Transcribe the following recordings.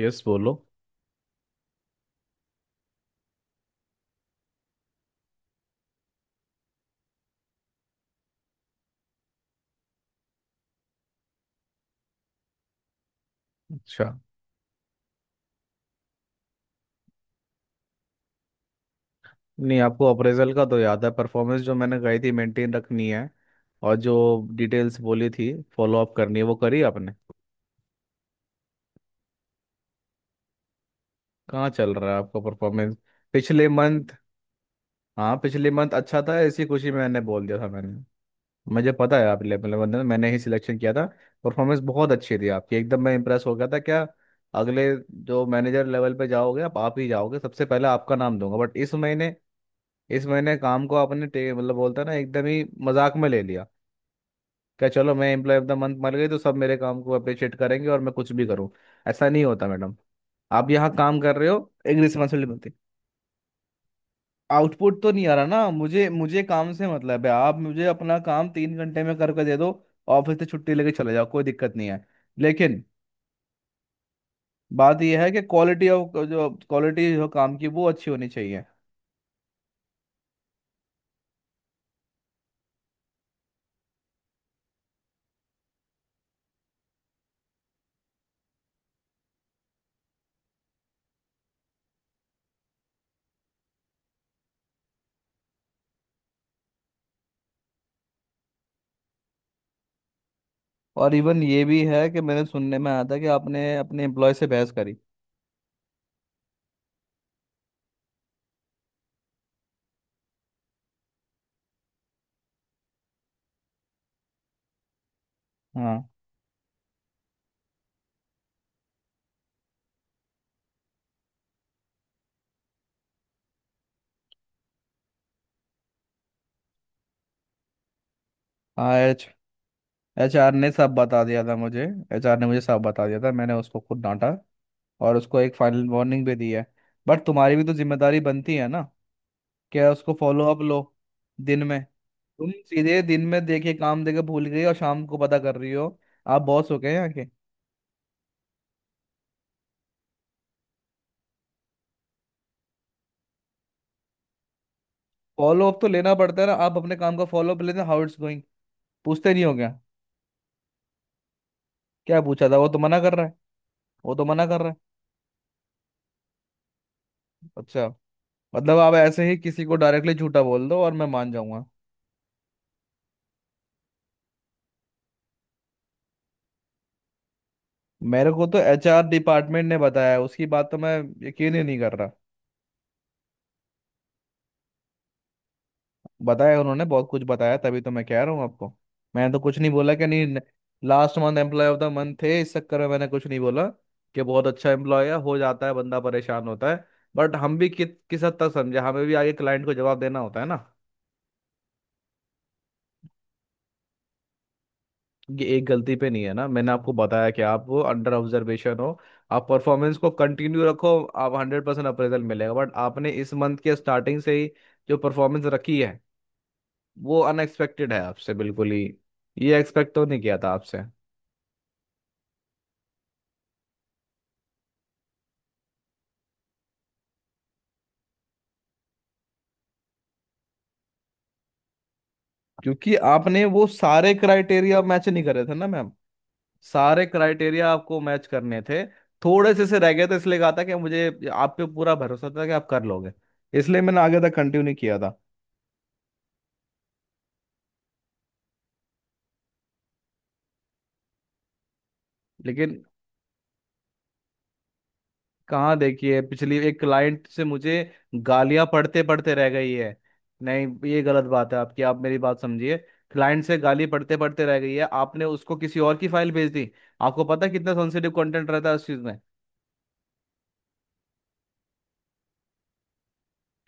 Yes बोलो। अच्छा, नहीं आपको अप्रेजल का तो याद है, परफॉर्मेंस जो मैंने कही थी मेंटेन रखनी है और जो डिटेल्स बोली थी फॉलो अप करनी है, वो करी आपने? कहाँ चल रहा है आपका परफॉर्मेंस? पिछले मंथ। हाँ, पिछले मंथ अच्छा था, इसी खुशी में मैंने बोल दिया था मैंने। मुझे पता है आप लेवल बंदे, मैंने ही सिलेक्शन किया था। परफॉर्मेंस बहुत अच्छी थी आपकी, एकदम मैं इंप्रेस हो गया था क्या। अगले जो मैनेजर लेवल पे जाओगे, आप ही जाओगे, सबसे पहले आपका नाम दूंगा, बट इस महीने, इस महीने काम को आपने मतलब बोलता है ना एकदम ही मजाक में ले लिया। क्या चलो मैं एम्प्लॉय ऑफ द मंथ बन गई तो सब मेरे काम को अप्रिशिएट करेंगे और मैं कुछ भी करूँ? ऐसा नहीं होता मैडम। आप यहाँ काम कर रहे हो, एक रिस्पॉन्सिबिलिटी बनती है। आउटपुट तो नहीं आ रहा ना, मुझे मुझे काम से मतलब है। आप मुझे अपना काम तीन घंटे में करके दे दो, ऑफिस से छुट्टी लेके चले जाओ, कोई दिक्कत नहीं है। लेकिन बात यह है कि क्वालिटी ऑफ जो क्वालिटी जो काम की, वो अच्छी होनी चाहिए। और इवन ये भी है कि मैंने सुनने में आया था कि आपने अपने एम्प्लॉय से बहस करी। हाँ। हाँ एच एच आर ने सब बता दिया था मुझे। एच आर ने मुझे सब बता दिया था, मैंने उसको खुद डांटा और उसको एक फाइनल वार्निंग भी दी है। बट तुम्हारी भी तो जिम्मेदारी बनती है ना क्या, उसको फॉलो अप लो। दिन में तुम सीधे दिन में देखे, काम देके भूल गई और शाम को पता कर रही हो? आप बॉस हो गए यहाँ के? फॉलो अप तो लेना पड़ता है ना, आप अपने काम का फॉलो अप लेते हाउ इट्स गोइंग, पूछते नहीं हो क्या? क्या पूछा था, वो तो मना कर रहा है। वो तो मना कर रहा है। अच्छा, मतलब आप ऐसे ही किसी को डायरेक्टली झूठा बोल दो और मैं मान जाऊंगा? मेरे को तो एचआर डिपार्टमेंट ने बताया, उसकी बात तो मैं यकीन ही नहीं कर रहा। बताया उन्होंने, बहुत कुछ बताया, तभी तो मैं कह रहा हूँ आपको। मैंने तो कुछ नहीं बोला कि नहीं, last month employee of the month थे, इस चक्कर में मैंने कुछ नहीं बोला कि बहुत अच्छा एम्प्लॉय है, हो जाता है, बंदा परेशान होता है। बट हम भी किस हद तक समझे, हमें भी आगे क्लाइंट को जवाब देना होता है ना। ये एक गलती पे नहीं है ना, मैंने आपको बताया कि आप वो अंडर ऑब्जर्वेशन हो। आप परफॉर्मेंस को कंटिन्यू रखो, आप हंड्रेड परसेंट अप्रेजल मिलेगा, बट आपने इस मंथ के स्टार्टिंग से ही जो परफॉर्मेंस रखी है, वो अनएक्सपेक्टेड है आपसे, बिल्कुल ही ये एक्सपेक्ट तो नहीं किया था आपसे। क्योंकि आपने वो सारे क्राइटेरिया मैच नहीं करे थे ना मैम। सारे क्राइटेरिया आपको मैच करने थे, थोड़े से रह गए थे, इसलिए कहा था कि मुझे आप पे पूरा भरोसा था कि आप कर लोगे, इसलिए मैंने आगे तक कंटिन्यू नहीं किया था। लेकिन कहाँ देखी है, पिछली एक क्लाइंट से मुझे गालियां पढ़ते पढ़ते रह गई है। नहीं, ये गलत बात है आपकी, आप मेरी बात समझिए। क्लाइंट से गाली पढ़ते पढ़ते रह गई है, आपने उसको किसी और की फाइल भेज दी। आपको पता है कितना सेंसिटिव कंटेंट रहता है उस चीज में।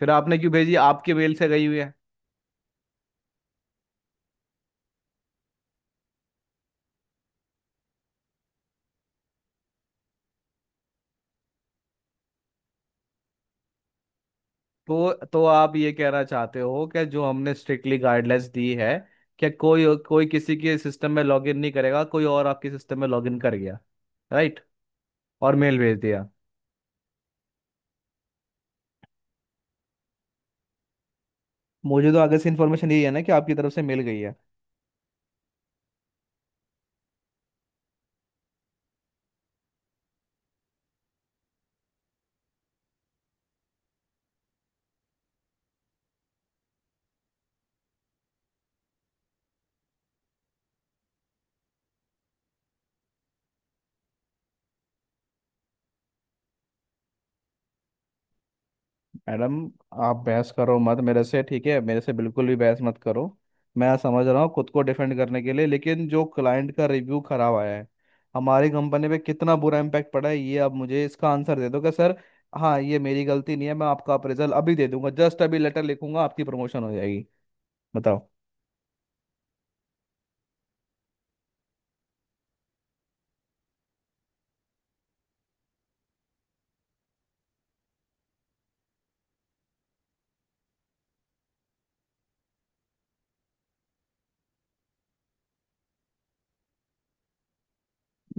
फिर आपने क्यों भेजी, आपके मेल से गई हुई है। तो आप ये कहना चाहते हो कि जो हमने स्ट्रिक्टली गाइडलाइंस दी है कि कोई कोई किसी के सिस्टम में लॉगिन नहीं करेगा, कोई और आपके सिस्टम में लॉगिन कर गया? राइट। और मेल भेज दिया? मुझे तो आगे से इन्फॉर्मेशन यही है ना कि आपकी तरफ से मिल गई है। मैडम, आप बहस करो मत मेरे से, ठीक है? मेरे से बिल्कुल भी बहस मत करो। मैं समझ रहा हूँ खुद को डिफेंड करने के लिए, लेकिन जो क्लाइंट का रिव्यू खराब आया है, हमारी कंपनी पे कितना बुरा इम्पैक्ट पड़ा है, ये आप मुझे इसका आंसर दे दो कि सर हाँ ये मेरी गलती नहीं है, मैं आपका अप्रेजल अभी दे दूंगा, जस्ट अभी लेटर लिखूंगा, आपकी प्रमोशन हो जाएगी। बताओ।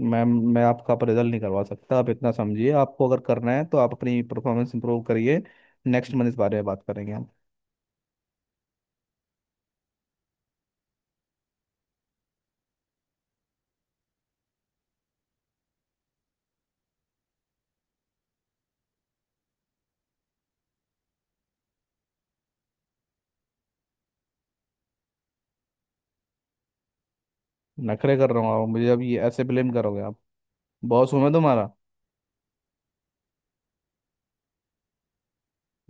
मैम मैं आपका अप्रेजल नहीं करवा सकता, आप इतना समझिए। आपको अगर करना है तो आप अपनी परफॉर्मेंस इंप्रूव करिए, नेक्स्ट मंथ इस बारे में बात करेंगे हम। नखरे कर रहा हूँ? आप मुझे अब ये ऐसे ब्लेम करोगे आप? बॉस हूँ मैं तुम्हारा।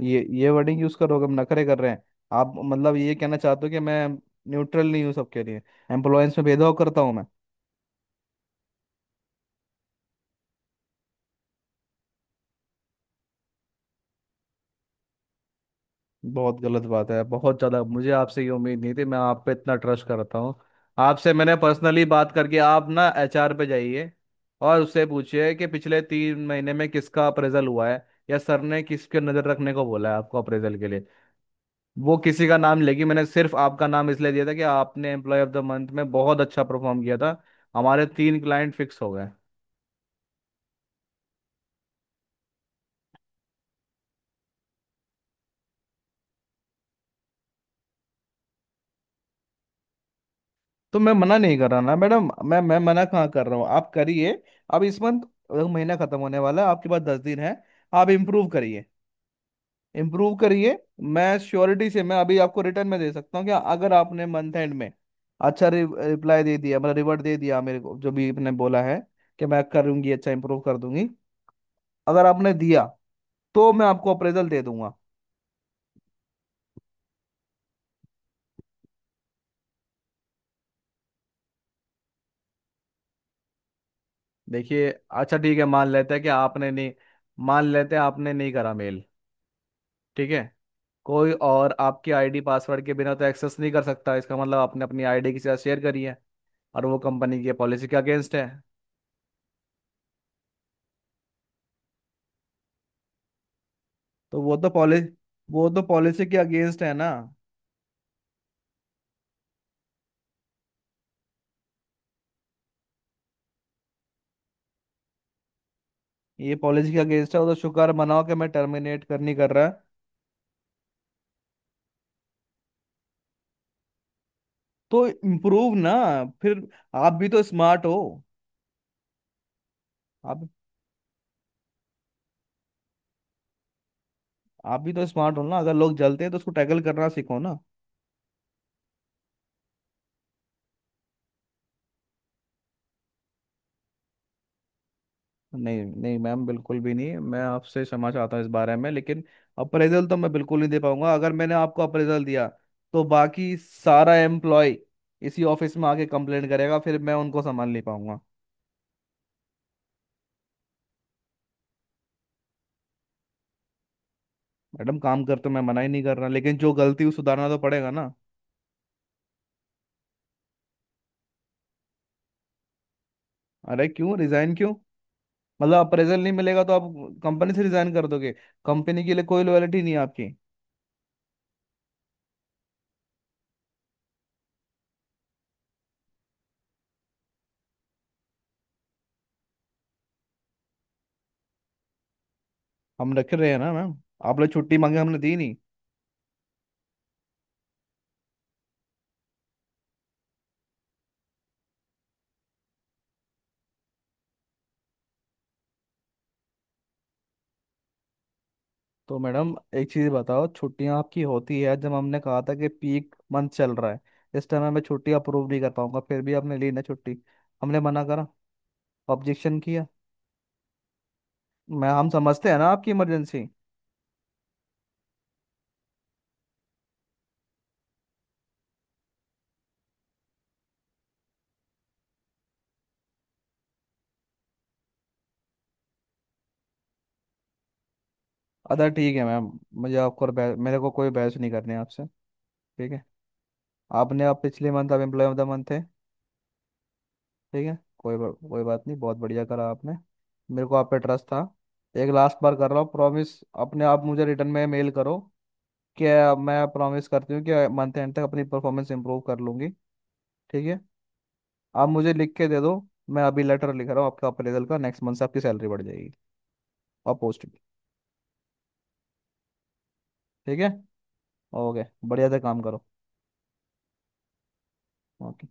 ये वर्डिंग यूज करोगे, हम नखरे कर रहे हैं? आप मतलब ये कहना चाहते हो कि मैं न्यूट्रल नहीं हूँ सबके लिए, एम्प्लॉयंस में भेदभाव करता हूँ मैं? बहुत गलत बात है, बहुत ज़्यादा, मुझे आपसे ये उम्मीद नहीं थी, मैं आप पे इतना ट्रस्ट करता हूँ। आपसे मैंने पर्सनली बात करके, आप ना एचआर पे जाइए और उससे पूछिए कि पिछले तीन महीने में किसका अप्रेजल हुआ है या सर ने किसके नज़र रखने को बोला है आपको अप्रेजल के लिए। वो किसी का नाम लेगी। मैंने सिर्फ आपका नाम इसलिए दिया था कि आपने एम्प्लॉय ऑफ द मंथ में बहुत अच्छा परफॉर्म किया था, हमारे तीन क्लाइंट फिक्स हो गए। तो मैं मना नहीं कर रहा ना मैडम, मैं मना कहाँ कर रहा हूँ, आप करिए। अब इस मंथ, महीना खत्म होने वाला है, आपके पास दस दिन है। आप इम्प्रूव करिए, इम्प्रूव करिए। मैं श्योरिटी से मैं अभी आपको रिटर्न में दे सकता हूँ कि अगर आपने मंथ एंड में अच्छा रिप्लाई दे दिया, मतलब रिवर्ट दे दिया मेरे को, जो भी आपने बोला है कि मैं करूंगी, अच्छा इम्प्रूव कर दूंगी, अगर आपने दिया तो मैं आपको अप्रेजल दे दूंगा। देखिए अच्छा ठीक है, मान लेते हैं कि आपने नहीं, मान लेते हैं आपने नहीं करा मेल, ठीक है। कोई और आपकी आईडी पासवर्ड के बिना तो एक्सेस नहीं कर सकता, इसका मतलब आपने अपनी आईडी किसी से शेयर करी है। और वो कंपनी की पॉलिसी के अगेंस्ट है। तो वो तो पॉलिसी वो तो पॉलिसी के अगेंस्ट है ना। ये पॉलिसी के अगेंस्ट है, वो तो शुक्र मनाओ कि मैं टर्मिनेट कर नहीं कर रहा। तो इम्प्रूव ना, फिर आप भी तो स्मार्ट हो। आप आप भी तो स्मार्ट हो ना, अगर लोग जलते हैं तो उसको टैकल करना सीखो ना। नहीं नहीं मैम, बिल्कुल भी नहीं, मैं आपसे क्षमा चाहता हूँ इस बारे में, लेकिन अप्रेजल तो मैं बिल्कुल नहीं दे पाऊंगा। अगर मैंने आपको अप्रेजल दिया तो बाकी सारा एम्प्लॉय इसी ऑफिस में आके कंप्लेंट करेगा, फिर मैं उनको संभाल नहीं पाऊंगा। मैडम काम करते मैं मना ही नहीं कर रहा, लेकिन जो गलती है उसे सुधारना तो पड़ेगा ना। अरे क्यों, रिजाइन क्यों? मतलब अप्रेजल नहीं मिलेगा तो आप कंपनी से रिजाइन कर दोगे? कंपनी के लिए कोई लॉयलिटी नहीं है आपकी? हम रख रहे हैं ना मैम, आप लोग छुट्टी मांगे हमने दी नहीं? तो मैडम एक चीज़ बताओ, छुट्टियां आपकी होती है, जब हमने कहा था कि पीक मंथ चल रहा है, इस टाइम मैं छुट्टी अप्रूव नहीं कर पाऊंगा, फिर भी आपने ली ना छुट्टी। हमने मना करा, ऑब्जेक्शन किया। मैं हम समझते हैं ना आपकी इमरजेंसी। अदा ठीक है मैम, मुझे आपको और बहस मेरे को कोई बहस नहीं करनी है आपसे। ठीक है, आपने आप पिछले मंथ आप एम्प्लॉय ऑफ द मंथ थे। ठीक है, कोई बात नहीं, बहुत बढ़िया करा आपने। मेरे को आप पे ट्रस्ट था। एक लास्ट बार कर रहा हूँ, प्रॉमिस। अपने आप मुझे रिटर्न में मेल करो क्या, मैं प्रॉमिस करती हूँ कि मंथ एंड तक अपनी परफॉर्मेंस इंप्रूव कर लूंगी। ठीक है? आप मुझे लिख के दे दो, मैं अभी लेटर लिख रहा हूँ आपका अप्रेजल का, नेक्स्ट मंथ से आपकी सैलरी बढ़ जाएगी और पोस्ट भी। ठीक है, ओके, बढ़िया से काम करो। ओके।